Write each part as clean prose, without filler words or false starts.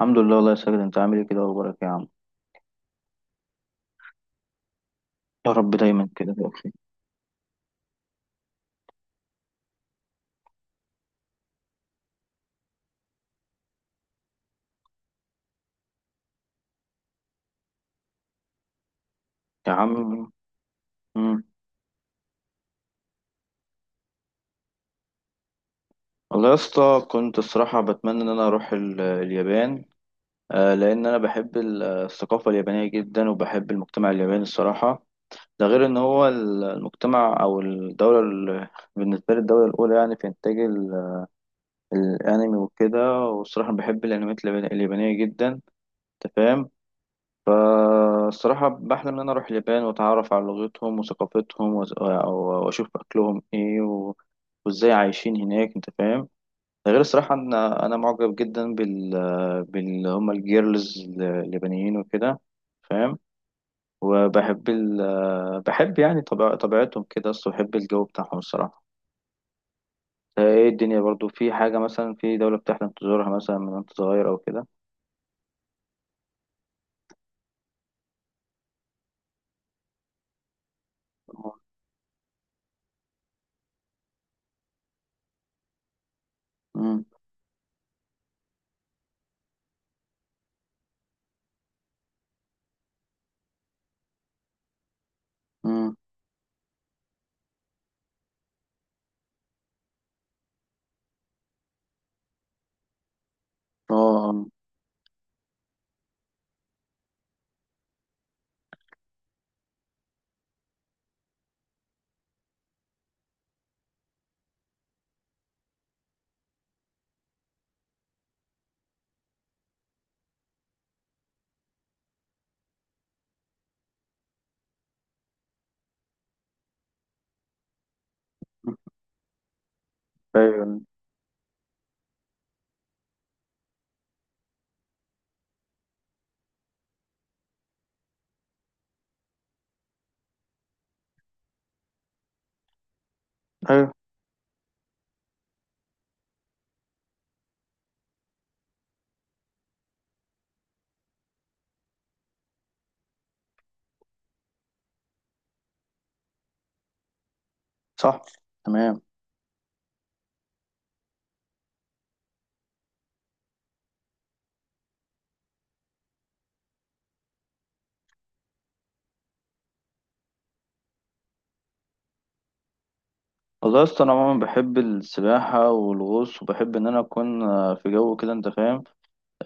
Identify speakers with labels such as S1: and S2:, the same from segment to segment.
S1: الحمد لله، والله يا ساجد، انت عامل ايه كده؟ اخبارك يا عم. يا رب دايما كده تبقى بخير يا عم. مم. والله يا اسطى، كنت الصراحة بتمنى ان انا اروح اليابان. لان انا بحب الثقافة اليابانية جدا، وبحب المجتمع الياباني الصراحة. ده غير ان هو المجتمع او الدولة بالنسبة لي الدولة الاولى يعني في انتاج الانمي وكده، والصراحة بحب الانميات اليابانية جدا، انت فاهم. فالصراحة بحلم إن أنا أروح اليابان وأتعرف على لغتهم وثقافتهم وأشوف أكلهم إيه وإزاي عايشين هناك، أنت فاهم. ده غير الصراحة إن أنا معجب جدا بال هما الجيرلز اليابانيين وكده، فاهم. وبحب بحب يعني طبيعتهم كده، أصل بحب الجو بتاعهم الصراحة. ده إيه الدنيا برضو في حاجة مثلا في دولة بتحلم تزورها مثلا من وأنت صغير أو كده؟ مم. مم. آه، آه. أيوه، أيوه، صح، تمام. والله يا اسطى، انا عموما بحب السباحه والغوص، وبحب ان انا اكون في جو كده، انت فاهم.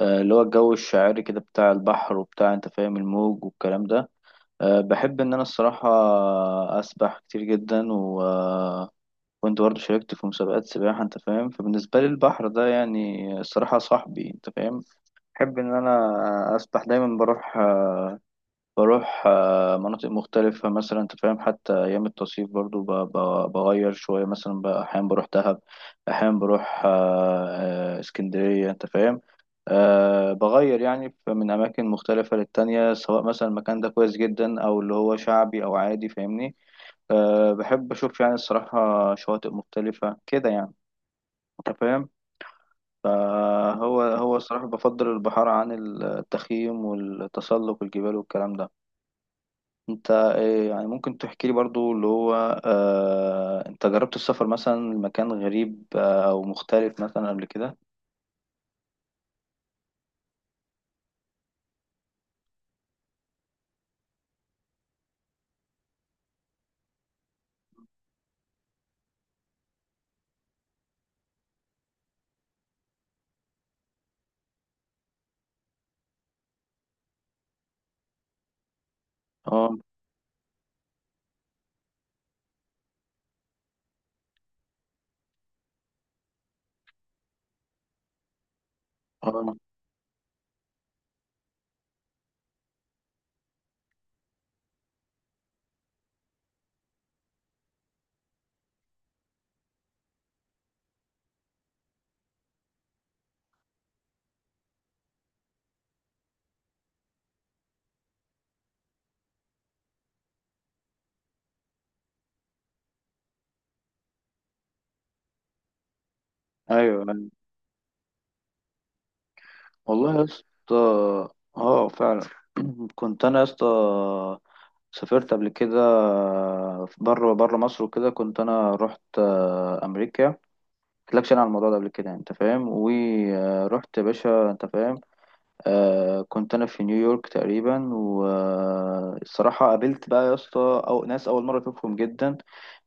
S1: اللي هو الجو الشاعري كده بتاع البحر وبتاع، انت فاهم، الموج والكلام ده. بحب ان انا الصراحه اسبح كتير جدا، و كنت برضه شاركت في مسابقات سباحه، انت فاهم. فبالنسبه لي البحر ده يعني الصراحه صاحبي، انت فاهم. بحب ان انا اسبح دايما، بروح مناطق مختلفة مثلا، أنت فاهم. حتى أيام التصيف برضو بغير شوية مثلا، بقى أحيانا بروح دهب، أحيانا بروح اسكندرية، أنت فاهم. أه، بغير يعني من أماكن مختلفة للتانية، سواء مثلا المكان ده كويس جدا أو اللي هو شعبي أو عادي، فاهمني. أه، بحب أشوف يعني الصراحة شواطئ مختلفة كده يعني، أنت فاهم. فهو الصراحة بفضل البحر عن التخييم والتسلق والجبال والكلام ده. انت إيه يعني؟ ممكن تحكي لي برضو اللي هو آه، انت جربت السفر مثلا لمكان غريب، او مختلف مثلا قبل كده؟ اه. اه. ايوه، ايوه. والله يا اسطى، اه فعلا. كنت انا يا اسطى سافرت قبل كده بره بره مصر وكده، كنت انا رحت امريكا. قلتلكش انا على الموضوع ده قبل كده يعني، انت فاهم. ورحت يا باشا، انت فاهم. آه، كنت انا في نيويورك تقريبا، والصراحه قابلت بقى يا اسطى او ناس اول مره اشوفهم جدا.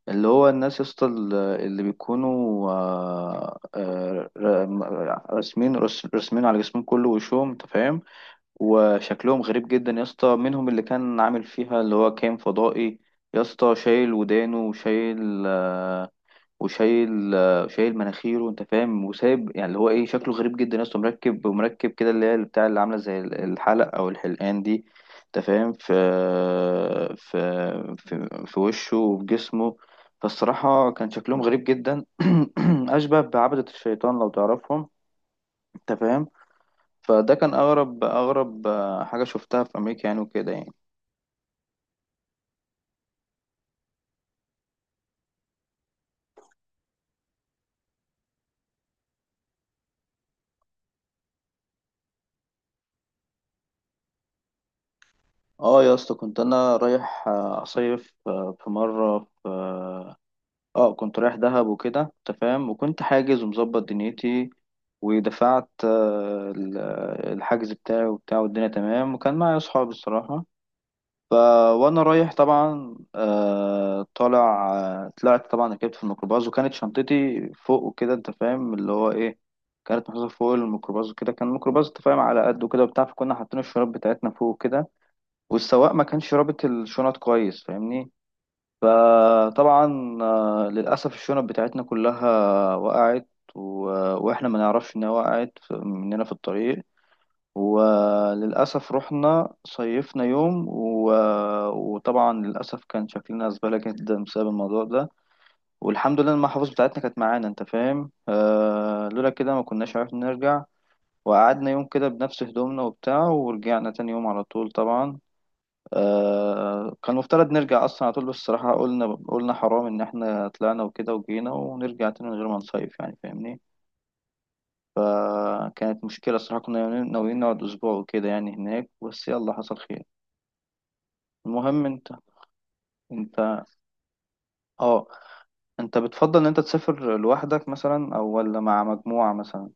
S1: اللي هو الناس يا اسطى اللي بيكونوا راسمين على جسمهم كله وشهم، انت فاهم. وشكلهم غريب جدا يا اسطى، منهم اللي كان عامل فيها اللي هو كان فضائي يا اسطى، شايل ودانه وشايل آه، وشايل آه، شايل مناخيره، انت فاهم. وسايب يعني اللي هو ايه شكله غريب جدا يا اسطى، مركب مركب كده اللي هي اللي بتاع اللي عامله زي الحلق او الحلقان دي، انت فاهم، في وشه وفي جسمه. فالصراحه كان شكلهم غريب جدا. اشبه بعبدة الشيطان لو تعرفهم، انت فاهم. فده كان اغرب اغرب حاجه شفتها في امريكا يعني وكده يعني. اه، يا اسطى كنت انا رايح اصيف في مره، في اه كنت رايح دهب وكده، انت فاهم، وكنت حاجز ومظبط دنيتي، ودفعت الحجز بتاعي وبتاع، والدنيا تمام، وكان معايا اصحابي الصراحة. ف وانا رايح طبعا، آه، طالع آه، طلعت طبعا، ركبت في الميكروباص وكانت شنطتي فوق وكده، انت فاهم، اللي هو ايه، كانت محطوطة فوق الميكروباص وكده، كان الميكروباص انت فاهم على قد وكده وبتاع، فكنا حاطين الشراب بتاعتنا فوق وكده، والسواق ما كانش رابط الشنط كويس، فاهمني. فطبعا للأسف الشنط بتاعتنا كلها وقعت، و... وإحنا ما نعرفش إنها وقعت مننا في الطريق. وللأسف رحنا صيفنا يوم، وطبعا للأسف كان شكلنا زبالة جدا بسبب الموضوع ده. والحمد لله إن المحافظ بتاعتنا كانت معانا، أنت فاهم، لولا كده ما كناش عرفنا نرجع. وقعدنا يوم كده بنفس هدومنا وبتاع، ورجعنا تاني يوم على طول طبعا. كان المفترض نرجع اصلا على طول، بس الصراحه قلنا حرام ان احنا طلعنا وكده وجينا ونرجع تاني من غير ما نصيف يعني، فاهمني. فكانت مشكله الصراحه، كنا ناويين نقعد اسبوع وكده يعني هناك، بس يلا حصل خير. المهم، انت اه انت بتفضل ان انت تسافر لوحدك مثلا، او ولا مع مجموعه مثلا؟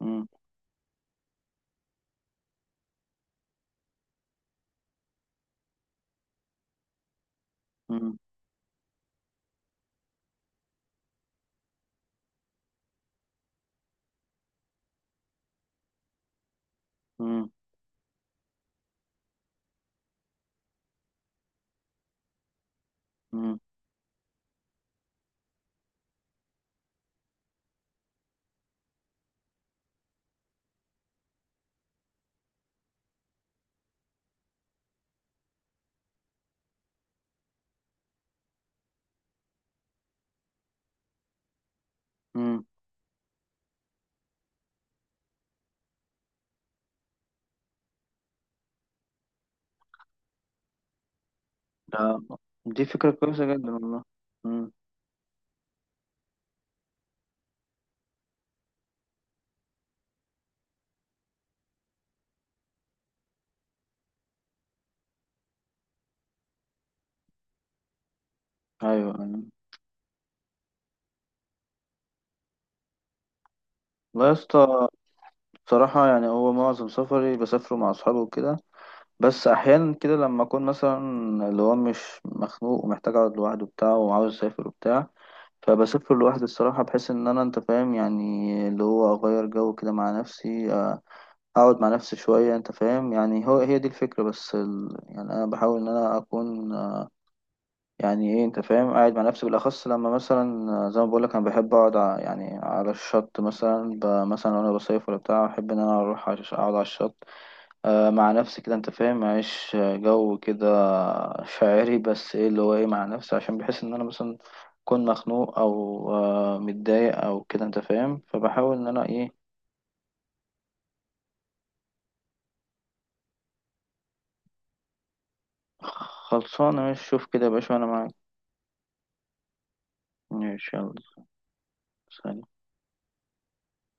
S1: مم. مم. مم. مم. مم. ده- دي فكره كويسه جدا والله. مم. ايوه، أيوة. لا يا اسطى، بصراحة يعني هو معظم سفري بسافره مع أصحابي وكده، بس أحيانا كده لما أكون مثلا اللي هو مش مخنوق ومحتاج أقعد لوحده وبتاع وعاوز أسافر وبتاع، فبسافر لوحدي الصراحة، بحيث إن أنا أنت فاهم يعني اللي هو أغير جو كده مع نفسي، أقعد مع نفسي شوية، أنت فاهم يعني، هو هي دي الفكرة بس. يعني أنا بحاول إن أنا أكون يعني إيه، أنت فاهم، قاعد مع نفسي بالأخص لما مثلا آه، زي ما بقولك أنا بحب أقعد يعني على الشط مثلا، مثلا وأنا بصيف ولا بتاع، أحب إن أنا أروح أقعد على الشط، مع نفسي كده، انت فاهم، معيش جو كده شاعري، بس ايه اللي هو ايه مع نفسي عشان بحس ان انا مثلا اكون مخنوق او متضايق او كده، انت فاهم، فبحاول ان انا ايه. خلصانه ماشي، شوف كده يا باشا وانا معاك. ماشي، يلا. سلام.